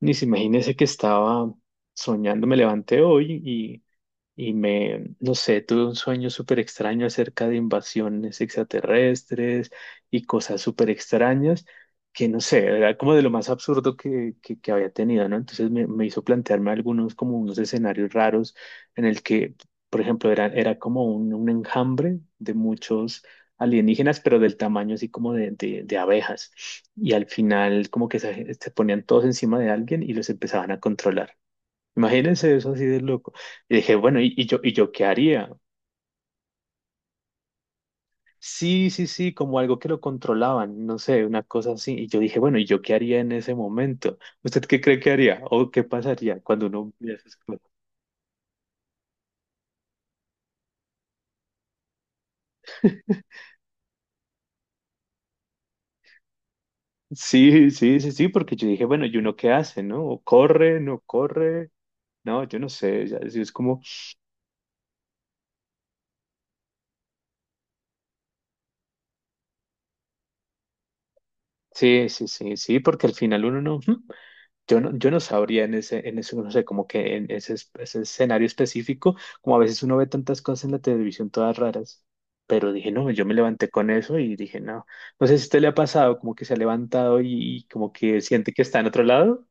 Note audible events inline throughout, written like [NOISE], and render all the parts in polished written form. Ni se imagínese que estaba soñando, me levanté hoy y me, no sé, tuve un sueño súper extraño acerca de invasiones extraterrestres y cosas súper extrañas que no sé, era como de lo más absurdo que había tenido, ¿no? Entonces me hizo plantearme algunos como unos escenarios raros en el que, por ejemplo, era como un enjambre de muchos alienígenas, pero del tamaño así como de abejas. Y al final como que se ponían todos encima de alguien y los empezaban a controlar. Imagínense eso así de loco. Y dije, bueno, ¿y yo qué haría? Sí, sí, sí, como algo que lo controlaban, no sé, una cosa así. Y yo dije, bueno, ¿y yo qué haría en ese momento? ¿Usted qué cree que haría? ¿O qué pasaría cuando uno ve esas cosas? Sí, sí, sí, sí, porque yo dije, bueno, ¿y uno qué hace, no? ¿O corre? No, yo no sé, ya, es como, sí, sí, sí, sí, porque al final uno no. Yo no, yo no sabría en ese, no sé, como que en ese, ese escenario específico, como a veces uno ve tantas cosas en la televisión todas raras, pero dije, no, yo me levanté con eso y dije, no, no sé si a usted le ha pasado, como que se ha levantado y como que siente que está en otro lado.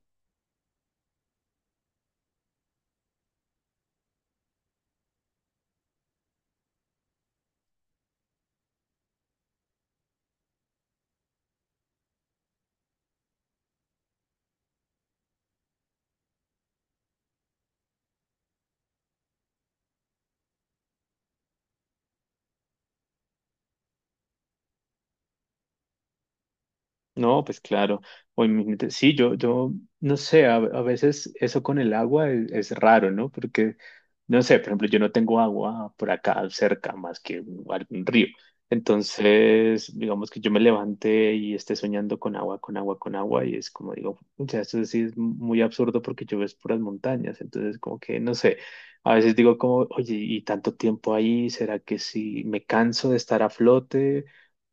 No, pues claro, o en sí, yo, no sé, a veces eso con el agua es raro, ¿no? Porque no sé, por ejemplo, yo no tengo agua por acá cerca más que algún río. Entonces, digamos que yo me levante y esté soñando con agua, con agua, con agua, y es como digo, o sea, esto sí es muy absurdo porque yo ves puras montañas. Entonces, como que, no sé, a veces digo como, oye, y tanto tiempo ahí, ¿será que si me canso de estar a flote?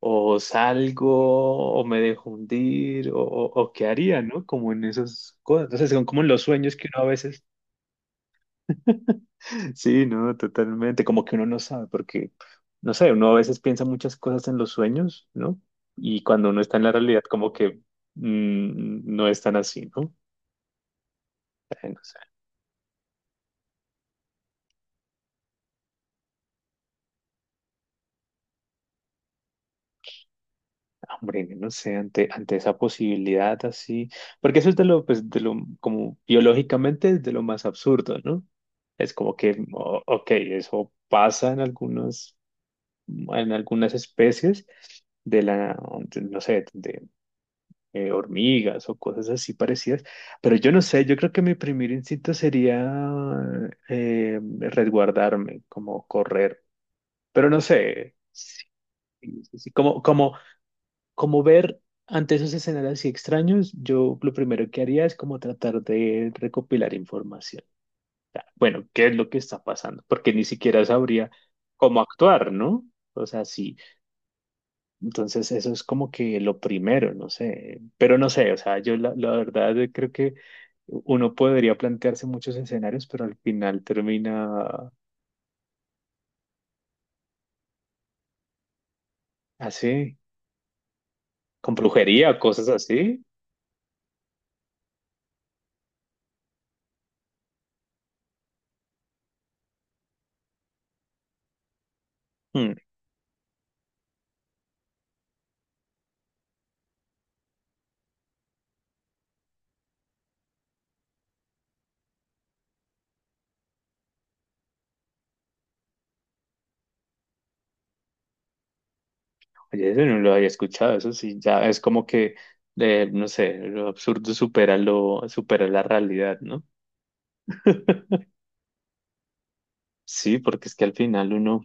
O salgo, o me dejo hundir, o qué haría, ¿no? Como en esas cosas. Entonces, son como los sueños que uno a veces sí, no, totalmente. Como que uno no sabe, porque, no sé, uno a veces piensa muchas cosas en los sueños, ¿no? Y cuando uno está en la realidad, como que no es tan así, ¿no? Ay, no sé, hombre, no sé, ante esa posibilidad así, porque eso es de lo, pues, de lo, como biológicamente es de lo más absurdo, ¿no? Es como que, ok, eso pasa en algunas especies de la, no sé, hormigas o cosas así parecidas. Pero yo no sé, yo creo que mi primer instinto sería resguardarme, como correr. Pero no sé, sí, sí, sí, como ver ante esos escenarios así extraños, yo lo primero que haría es como tratar de recopilar información. Bueno, ¿qué es lo que está pasando? Porque ni siquiera sabría cómo actuar, ¿no? O sea, sí. Entonces, eso es como que lo primero, no sé, pero no sé, o sea, yo la verdad creo que uno podría plantearse muchos escenarios, pero al final termina así, con brujería, cosas así. Hmm, Oye, eso no lo había escuchado, eso sí, ya es como que, no sé, lo absurdo supera lo, supera la realidad, ¿no? [LAUGHS] Sí, porque es que al final uno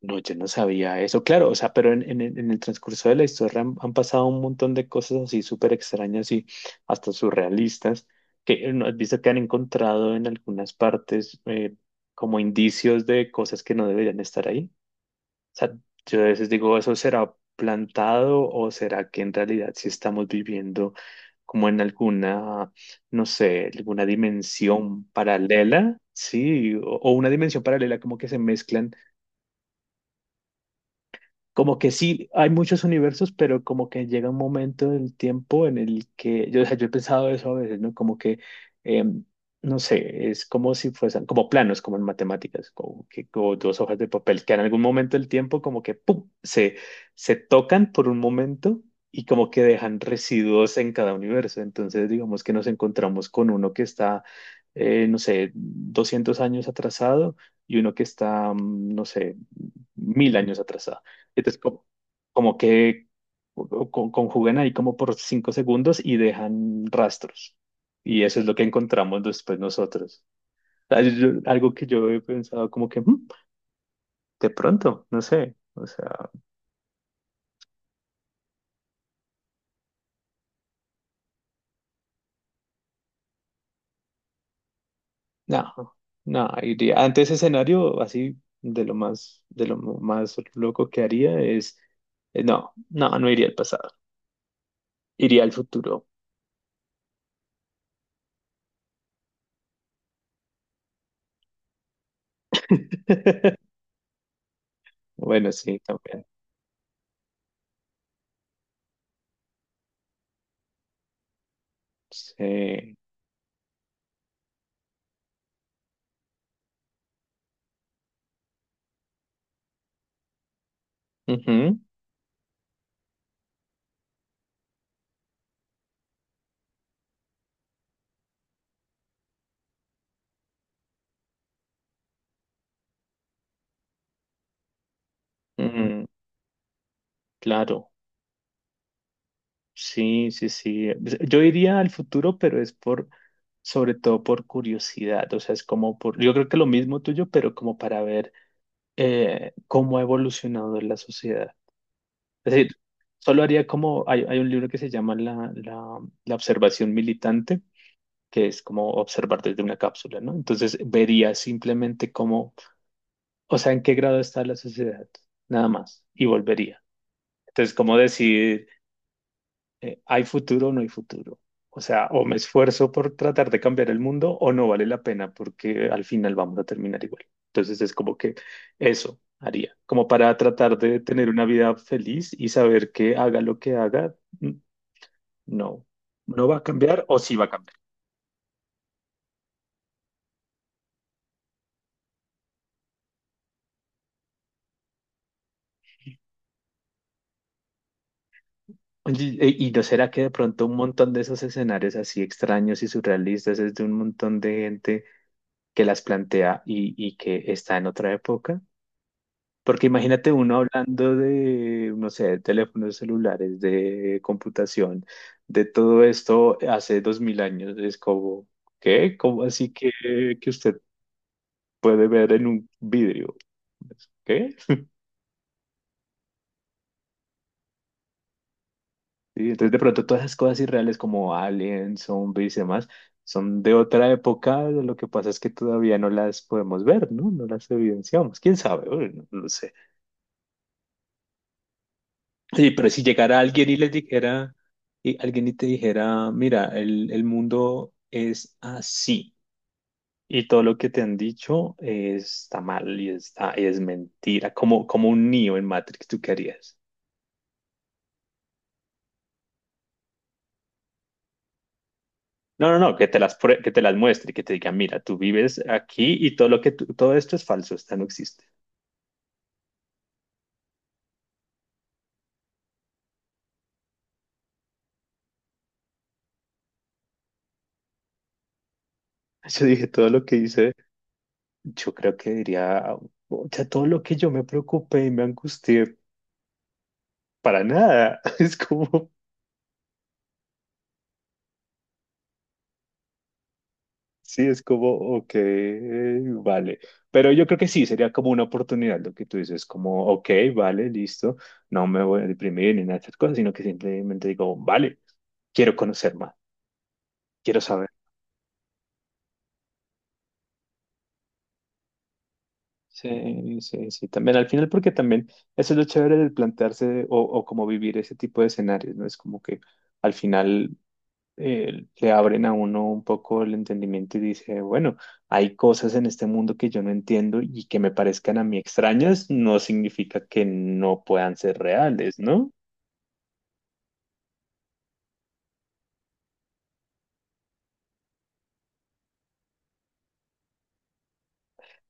no, yo no sabía eso, claro, o sea, pero en, en el transcurso de la historia han, han pasado un montón de cosas así súper extrañas y hasta surrealistas, que no has visto que han encontrado en algunas partes como indicios de cosas que no deberían estar ahí. O sea, yo a veces digo, ¿eso será plantado o será que en realidad sí estamos viviendo como en alguna, no sé, alguna dimensión paralela? Sí, o una dimensión paralela como que se mezclan como que sí, hay muchos universos, pero como que llega un momento del tiempo en el que yo, o sea, yo he pensado eso a veces, ¿no? Como que, eh, no sé, es como si fuesen, como planos, como en matemáticas, como que como dos hojas de papel, que en algún momento del tiempo como que, ¡pum!, se tocan por un momento y como que dejan residuos en cada universo. Entonces, digamos que nos encontramos con uno que está, no sé, 200 años atrasado y uno que está, no sé, 1000 años atrasado. Entonces, como, como que conjugan ahí como por 5 segundos y dejan rastros. Y eso es lo que encontramos después nosotros. Ah, algo que yo he pensado como que "Mm, de pronto, no sé, o sea, no, no, iría. Ante ese escenario, así de lo más loco que haría es, no, no iría al pasado, iría al futuro. [LAUGHS] Bueno, sí, también. Sí. Ujú, ujú, claro. Sí, sí, sí. Pues, yo iría al futuro, pero es por, sobre todo por curiosidad. O sea, es como por, yo creo que lo mismo tuyo, pero como para ver cómo ha evolucionado la sociedad. Es decir, solo haría como, hay un libro que se llama la observación militante, que es como observar desde una cápsula, ¿no? Entonces vería simplemente cómo, o sea, en qué grado está la sociedad, nada más, y volvería. Entonces, ¿cómo decir? ¿Hay futuro o no hay futuro? O sea, o me esfuerzo por tratar de cambiar el mundo o no vale la pena porque al final vamos a terminar igual. Entonces es como que eso haría, como para tratar de tener una vida feliz y saber que haga lo que haga, mm, no, no va a cambiar o sí va a cambiar. Oye, ¿y no será que de pronto un montón de esos escenarios así extraños y surrealistas es de un montón de gente que las plantea y que está en otra época? Porque imagínate uno hablando de, no sé, de teléfonos celulares, de computación, de todo esto hace 2000 años. Es como, ¿qué? ¿Cómo así que usted puede ver en un vidrio? Pues, ¿qué? Y entonces de pronto todas esas cosas irreales como aliens, zombies y demás, son de otra época. Lo que pasa es que todavía no las podemos ver, ¿no? No las evidenciamos. ¿Quién sabe? Bueno, no lo sé. Sí, pero si llegara alguien y les dijera, y alguien y te dijera, mira, el mundo es así y todo lo que te han dicho está mal y está, es mentira, como, como un niño en Matrix, ¿tú qué harías? No, no, no, que te las muestre y que te diga, mira, tú vives aquí y todo lo que todo esto es falso, esto no existe. [LAUGHS] Yo dije, todo lo que hice, yo creo que diría, o sea, todo lo que yo me preocupé y me angustié, para nada, [LAUGHS] es como... Sí, es como, ok, vale. Pero yo creo que sí, sería como una oportunidad lo que tú dices, como, ok, vale, listo, no me voy a deprimir ni nada de esas cosas, sino que simplemente digo, vale, quiero conocer más, quiero saber. Sí, sí, sí, también al final, porque también eso es lo chévere del plantearse o como vivir ese tipo de escenarios, ¿no? Es como que al final le abren a uno un poco el entendimiento y dice, bueno, hay cosas en este mundo que yo no entiendo y que me parezcan a mí extrañas, no significa que no puedan ser reales, ¿no?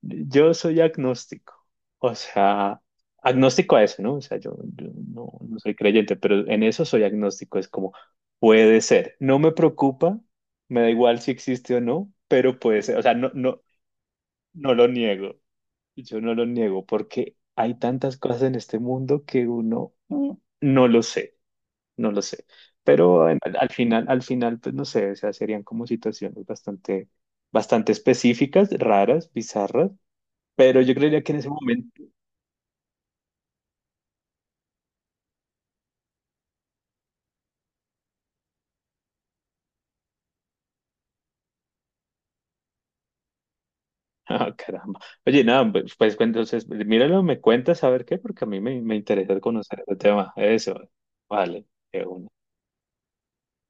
Yo soy agnóstico, o sea, agnóstico a eso, ¿no? O sea, yo, no soy creyente, pero en eso soy agnóstico, es como, puede ser, no me preocupa, me da igual si existe o no, pero puede ser, o sea, no, no, no lo niego. Yo no lo niego porque hay tantas cosas en este mundo que uno mm, no lo sé, no lo sé. Pero al, al final, pues no sé, o sea, serían como situaciones bastante, bastante específicas, raras, bizarras. Pero yo creería que en ese momento, [LAUGHS] ah, caramba. Oye, nada, pues, pues, entonces, míralo, me cuentas a ver qué, porque a mí me interesa conocer el tema. Eso, vale, de una.